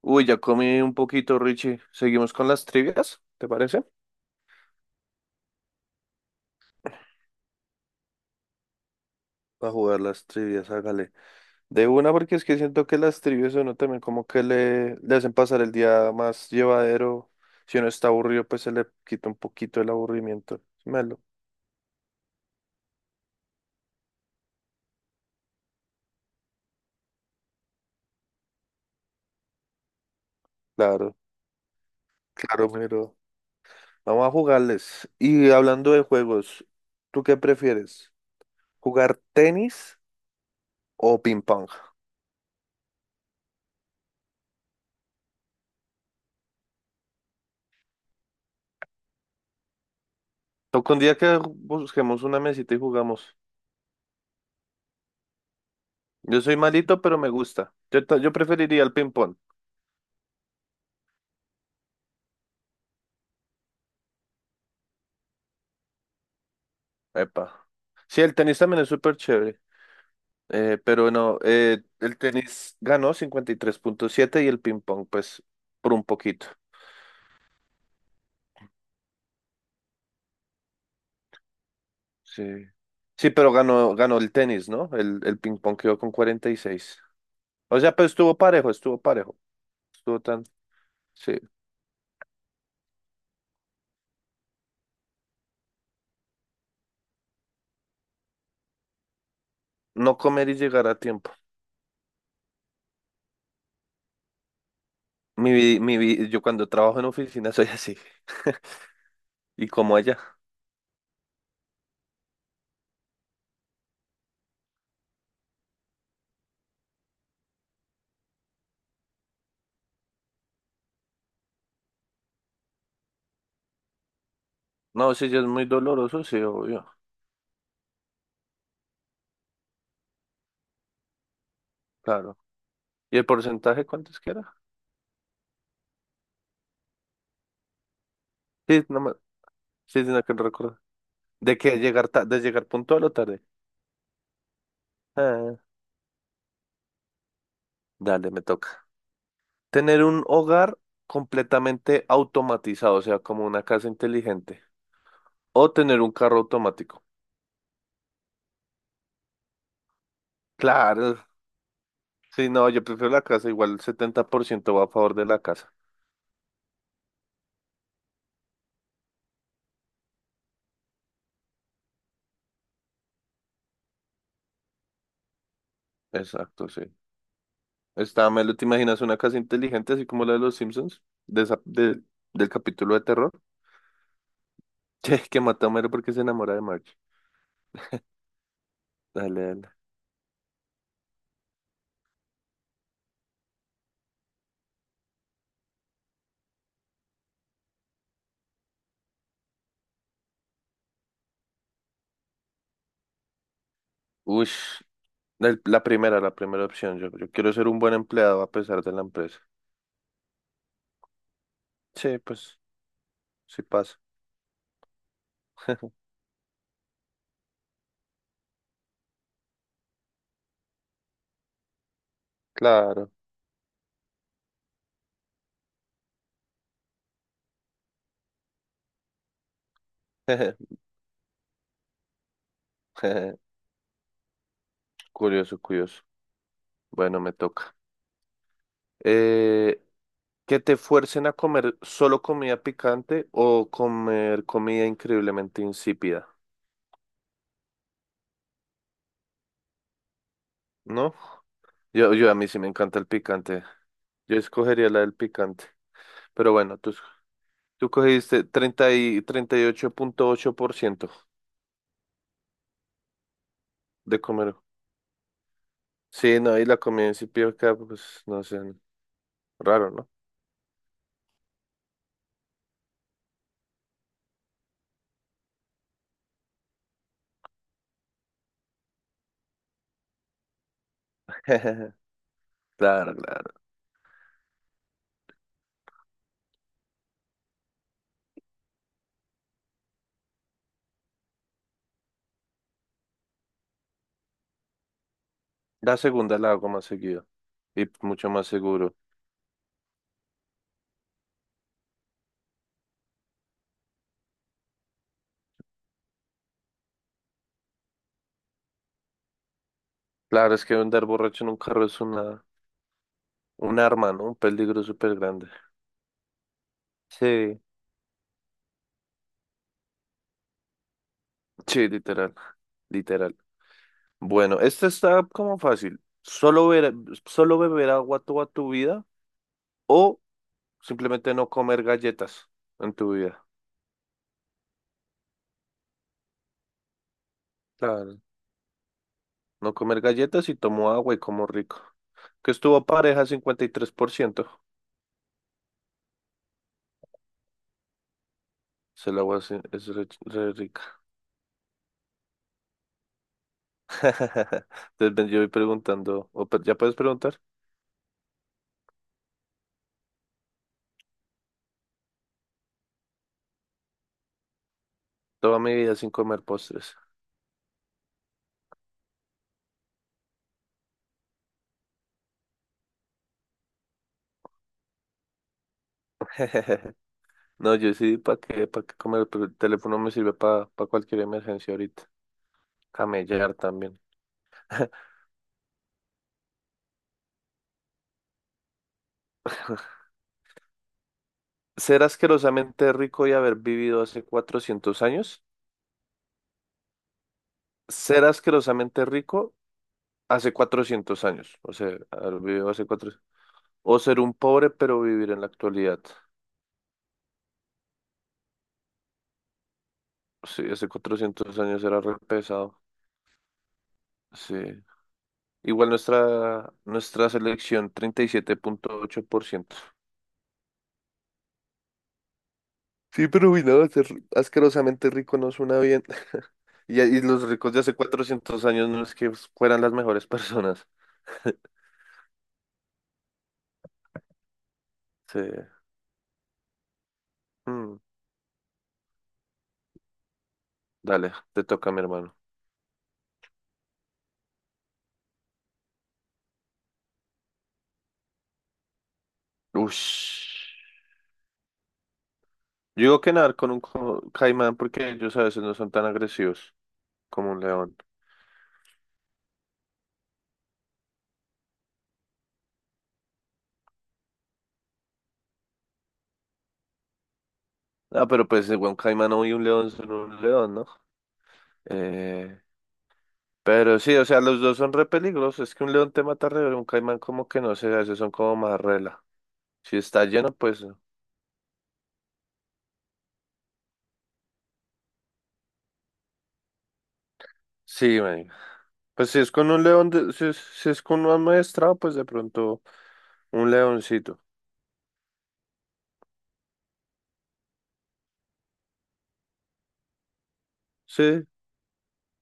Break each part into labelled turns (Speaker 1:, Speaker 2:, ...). Speaker 1: Uy, ya comí un poquito, Richie. ¿Seguimos con las trivias? ¿Te parece? A jugar las trivias, hágale. De una, porque es que siento que las trivias a uno también como que le hacen pasar el día más llevadero. Si uno está aburrido, pues se le quita un poquito el aburrimiento. Sí, Melo. Claro, claro, pero vamos a jugarles. Y hablando de juegos, ¿tú qué prefieres? ¿Jugar tenis o ping pong? Toca un día que busquemos una mesita y jugamos. Yo soy malito, pero me gusta. Yo preferiría el ping-pong. Epa. Sí, el tenis también es súper chévere. Pero no, el tenis ganó 53.7 y el ping-pong, pues, por un poquito. Sí. Sí, pero ganó el tenis, ¿no? El ping-pong quedó con 46. O sea, pues estuvo parejo, estuvo parejo. Estuvo tan. Sí. No comer y llegar a tiempo. Yo cuando trabajo en oficina soy así. Y como allá. No, sí, ya es muy doloroso, sí, obvio. Claro. ¿Y el porcentaje cuánto es que era? Sí, no me... Sí, sí, no que no recuerdo. ¿De qué? ¿De llegar puntual o tarde? Ah, dale, me toca. Tener un hogar completamente automatizado, o sea, como una casa inteligente. O tener un carro automático. Claro. Sí, no, yo prefiero la casa. Igual el 70% va a favor de la casa. Exacto, sí. Está, Melo, ¿te imaginas una casa inteligente así como la de los Simpsons? De esa- de- del capítulo de terror. Che, que mata a Homero porque se enamora de Marge. Dale, dale. Uy. La primera opción. Yo quiero ser un buen empleado a pesar de la empresa. Sí, pues, sí pasa. Claro. Curioso, curioso. Bueno, me toca. Eh, que te fuercen a comer solo comida picante o comer comida increíblemente insípida, ¿no? Yo a mí sí me encanta el picante. Yo escogería la del picante. Pero bueno, tú cogiste treinta y ocho punto ocho por ciento de comer. Sí, no, y la comida insípida acá, pues, no sé. Raro, ¿no? Claro, claro. La segunda la hago más seguido y mucho más seguro. Claro, es que andar borracho en un carro es un arma, ¿no? Un peligro súper grande. Sí. Sí, literal, literal. Bueno, este está como fácil. Solo beber agua toda tu vida o simplemente no comer galletas en tu vida. Claro. No comer galletas y tomo agua y como rico. Que estuvo pareja 53%. Se la agua es re rica. Entonces ven, yo voy preguntando, ya puedes preguntar, toda mi vida sin comer postres. No, yo sí, ¿para qué? ¿Para qué comer? Pero el teléfono me sirve para cualquier emergencia ahorita. Camellar también. Ser asquerosamente rico y haber vivido hace 400 años. Ser asquerosamente rico hace 400 años. O sea, haber vivido hace 400. O ser un pobre pero vivir en la actualidad. Sí, hace 400 años era re pesado. Sí. Igual nuestra selección, 37.8%. Sí, pero uy, no, ser asquerosamente rico no suena bien. Y los ricos de hace 400 años no es que fueran las mejores personas. Sí. Mm, dale, te toca, mi hermano. Ush. Yo digo que nadar con un caimán porque ellos a veces no son tan agresivos como un león. Ah, pero pues, bueno, un caimán y un león son un león, ¿no? Eh, Pero sí, o sea, los dos son re peligrosos. Es que un león te mata re, pero un caimán como que no sé, esos son como más rela. Si está lleno, pues sí, marica. Pues si es con un león, si es con un amaestrado, pues de pronto un leoncito. Sí,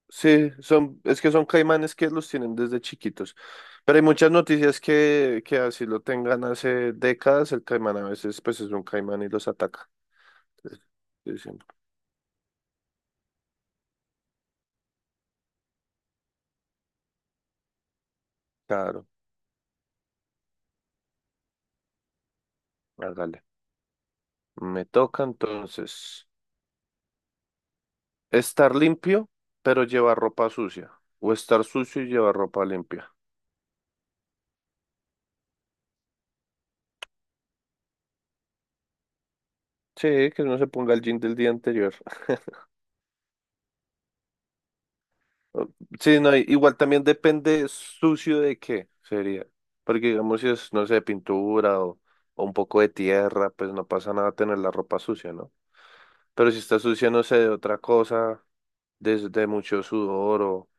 Speaker 1: sí, es que son caimanes que los tienen desde chiquitos. Pero hay muchas noticias que así lo tengan hace décadas, el caimán a veces pues es un caimán y los ataca. Entonces, dicen, claro, hágale. Me toca entonces. Estar limpio, pero llevar ropa sucia. O estar sucio y llevar ropa limpia. Sí, que no se ponga el jean del día anterior. Sí, no, igual también depende sucio de qué sería. Porque digamos si es, no sé, pintura o un poco de tierra, pues no pasa nada tener la ropa sucia, ¿no? Pero si está sucia, no sé, de otra cosa, desde mucho sudor o,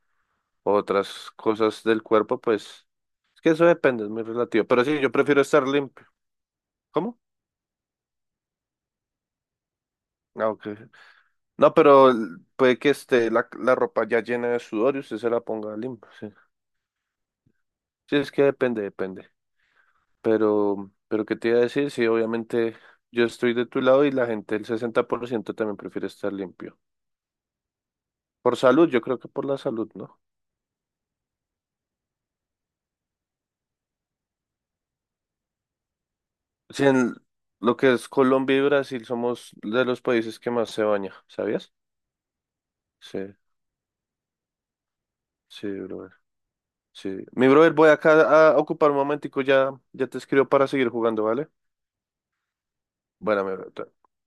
Speaker 1: o otras cosas del cuerpo, pues es que eso depende, es muy relativo. Pero sí, yo prefiero estar limpio. ¿Cómo? Ah, ok. No, pero puede que esté la ropa ya llena de sudor y usted se la ponga limpia. Sí, sí, es que depende, depende. Pero ¿qué te iba a decir? Sí, obviamente yo estoy de tu lado y la gente, el 60% también prefiere estar limpio. Por salud, yo creo que por la salud, ¿no? Sí, en lo que es Colombia y Brasil somos de los países que más se baña, ¿sabías? Sí, sí, brother. Sí. Mi brother, voy acá a ocupar un momentico, ya, ya te escribo para seguir jugando, ¿vale? Bueno, mi brother.